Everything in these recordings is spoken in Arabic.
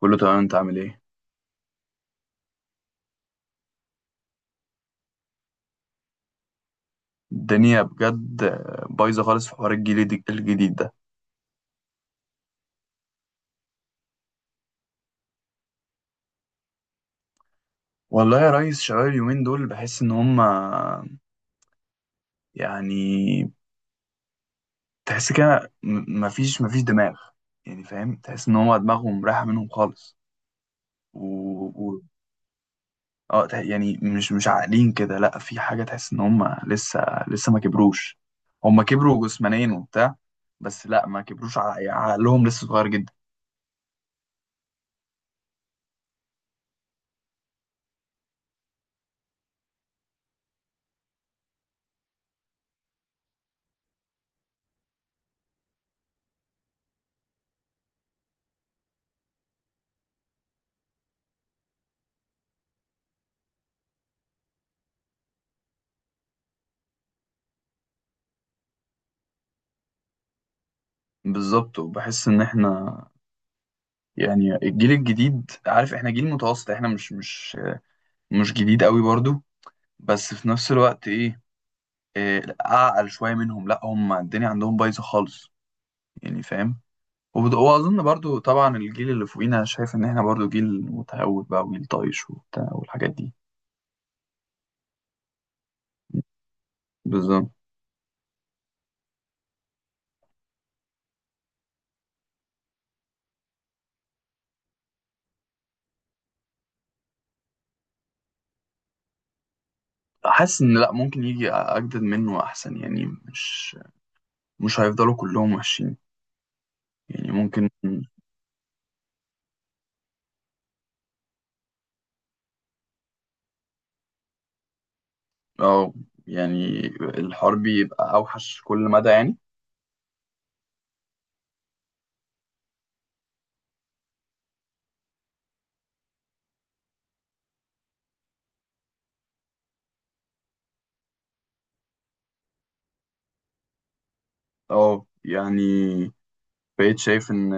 كله تمام. انت عامل ايه؟ الدنيا بجد بايظه خالص في حوار الجيل الجديد ده. والله يا ريس، شباب اليومين دول بحس ان هم، يعني، تحس كده مفيش دماغ. يعني فاهم، تحس ان هم دماغهم رايحه منهم خالص. و... و... اه، يعني مش عاقلين كده. لا، في حاجه تحس ان هم لسه، ما كبروش. هم كبروا جسمانيا وبتاع، بس لا، ما كبروش، عقلهم لسه صغير جدا. بالظبط. وبحس ان احنا، يعني الجيل الجديد، عارف احنا جيل متوسط، احنا مش جديد قوي برضو، بس في نفس الوقت ايه، إيه لأ، اعقل شويه منهم. لا، هم الدنيا عندهم بايظه خالص، يعني فاهم. واظن برضو طبعا الجيل اللي فوقينا شايف ان احنا برضو جيل متهور بقى، وجيل طايش وبتاع والحاجات دي. بالظبط. حاسس ان لا، ممكن يجي اجدد منه احسن، يعني مش هيفضلوا كلهم وحشين، يعني ممكن. اه، يعني الحرب يبقى اوحش كل مدى يعني. اه، يعني بقيت شايف ان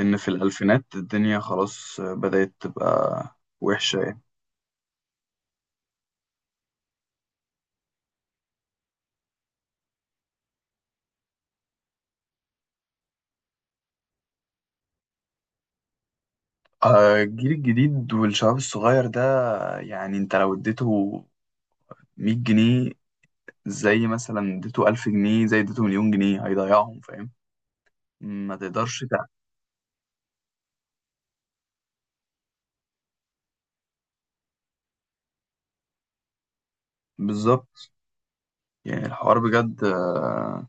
في الالفينات الدنيا خلاص بدأت تبقى وحشة يعني. آه، الجيل الجديد والشباب الصغير ده، يعني انت لو اديته 100 جنيه، زي مثلا اديته 1000 جنيه، زي اديته مليون جنيه هيضيعهم، فاهم. ما تقدرش بالظبط. يعني الحوار بجد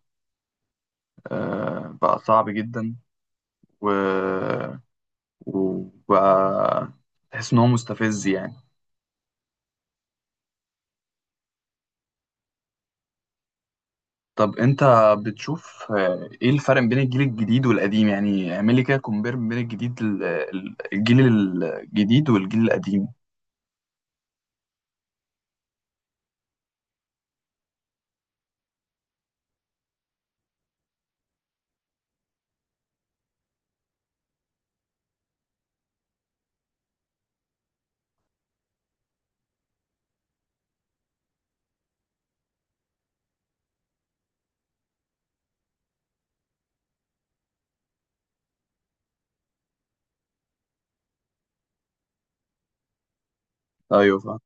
بقى صعب جدا. و... وبقى تحس ان هو مستفز يعني. طب انت بتشوف، ايه الفرق بين الجيل الجديد والقديم؟ يعني اعمل لي كده كومبير بين الجديد الجيل الجديد والجيل القديم. ايوه فاهم.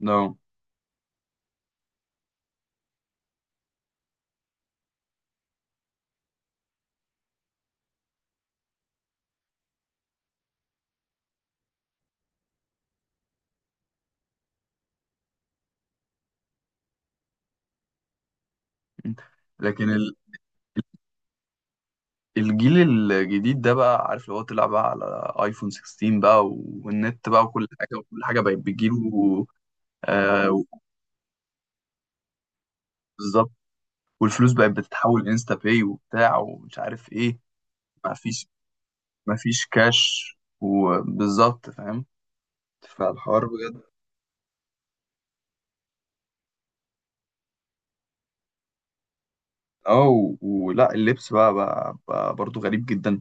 نعم. لكن الجيل الجديد ده بقى، عارف، لو هو طلع بقى على ايفون 16 بقى، والنت بقى، وكل حاجه وكل حاجه بقت بتجيله. آه، بالظبط. والفلوس بقت بتتحول انستا باي وبتاع ومش عارف ايه. مفيش مفيش كاش. وبالظبط فاهم. فالحوار اه، ولا اللبس بقى، برضو غريب جدا.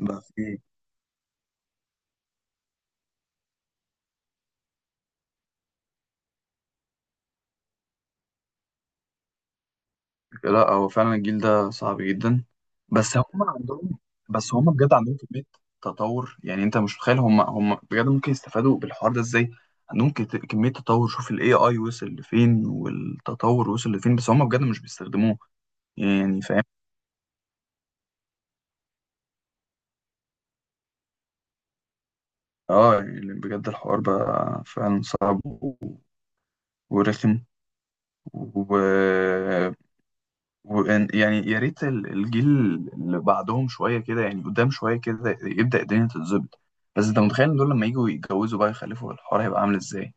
بقى في، لا، هو فعلا الجيل ده صعب جدا. بس هم عندهم بس هم بجد عندهم كمية تطور، يعني انت مش متخيل، هم بجد ممكن يستفادوا بالحوار ده ازاي. عندهم كمية تطور. شوف الاي اي وصل لفين، والتطور وصل لفين، بس هم بجد مش بيستخدموه، يعني فاهم. اه، يعني بجد الحوار بقى فعلا صعب ورخم، و يعني يا ريت الجيل اللي بعدهم شويه كده، يعني قدام شويه كده يبدا الدنيا تتظبط. بس انت متخيل إن دول لما يجوا يتجوزوا بقى، يخلفوا الحوار هيبقى عامل ازاي؟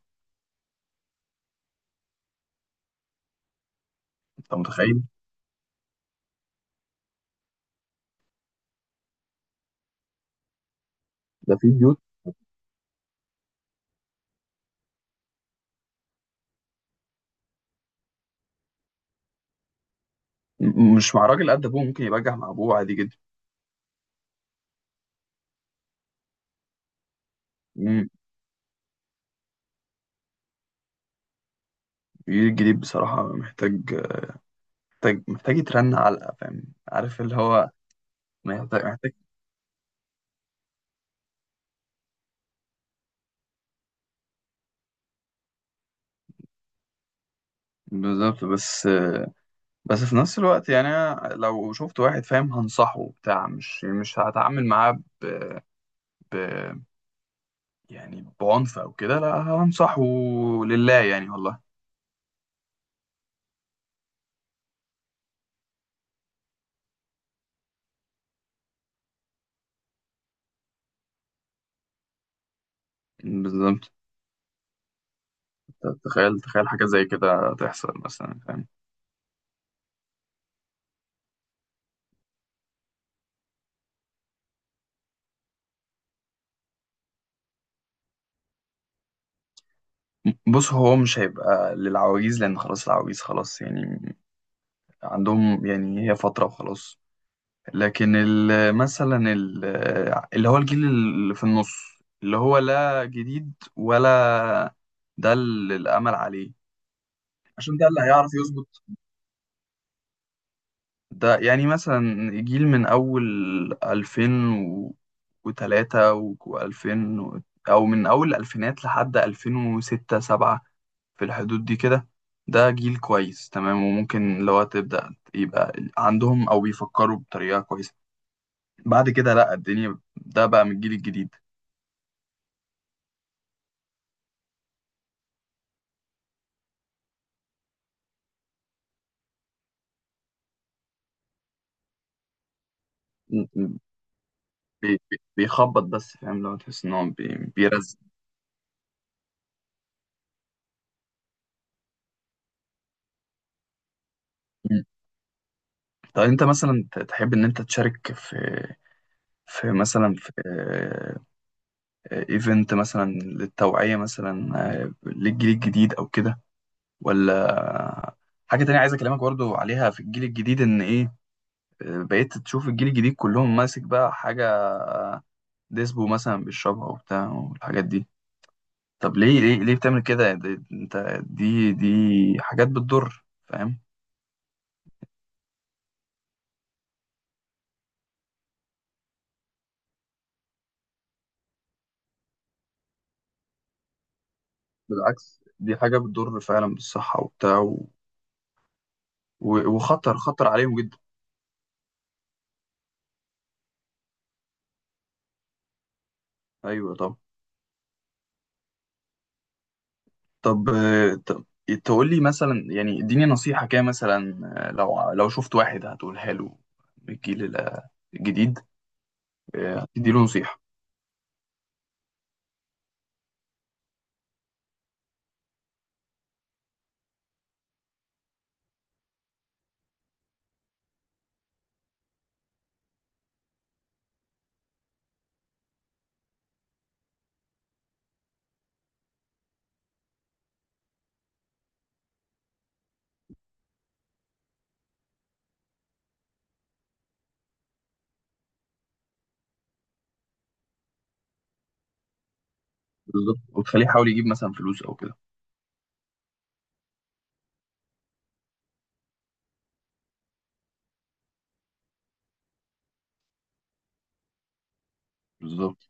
انت متخيل؟ ده في بيوت. مش مع راجل قد ابوه، ممكن يبجح مع ابوه عادي جدا. م- الجيل الجديد بصراحه محتاج، محتاج محتاج يترن علقه، فاهم، عارف اللي هو محتاج بالظبط. بس في نفس الوقت، يعني أنا لو شفت واحد فاهم، هنصحه بتاع مش هتعامل معاه ب... يعني بعنف او كده، لا، هنصحه لله يعني والله. بالظبط. تخيل حاجة زي كده تحصل مثلا، فاهم. بص، هو مش هيبقى للعواجيز، لأن خلاص العواجيز خلاص يعني، عندهم، يعني هي فترة وخلاص. لكن مثلا اللي هو الجيل اللي في النص، اللي هو لا جديد ولا، ده اللي الأمل عليه، عشان ده اللي هيعرف يظبط. ده يعني مثلا جيل من أول 2003 و2000، أو من أول الألفينات لحد 2006 7، في الحدود دي كده، ده جيل كويس تمام. وممكن لو تبدأ يبقى عندهم، أو بيفكروا بطريقة كويسة. بعد كده لأ، الدنيا ده بقى من الجيل الجديد. م- م- بيخبط بس، فاهم، لو تحس إن هو بيرزق. م. طب أنت مثلا تحب إن أنت تشارك في ايفنت مثلا للتوعية مثلا، آه، للجيل الجديد او كده. ولا، حاجة تانية عايز اكلمك برضو عليها في الجيل الجديد ان ايه، آه، بقيت تشوف الجيل الجديد كلهم ماسك بقى حاجة ديسبو مثلا بيشربها وبتاع والحاجات دي. طب ليه بتعمل كده يعني؟ انت دي حاجات بتضر، فاهم. بالعكس، دي حاجة بتضر فعلا بالصحة وبتاع، وخطر عليهم جدا. ايوه طبعا. طب طب تقول لي مثلا، يعني اديني نصيحة كده مثلا، آه، لو شفت واحد هتقولها له من الجيل الجديد، آه، هتدي له نصيحة. بالظبط. وتخليه يحاول يجيب مثلا فلوس او كده. بالظبط.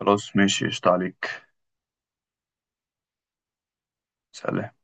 خلاص ماشي، قشطة عليك. سلام.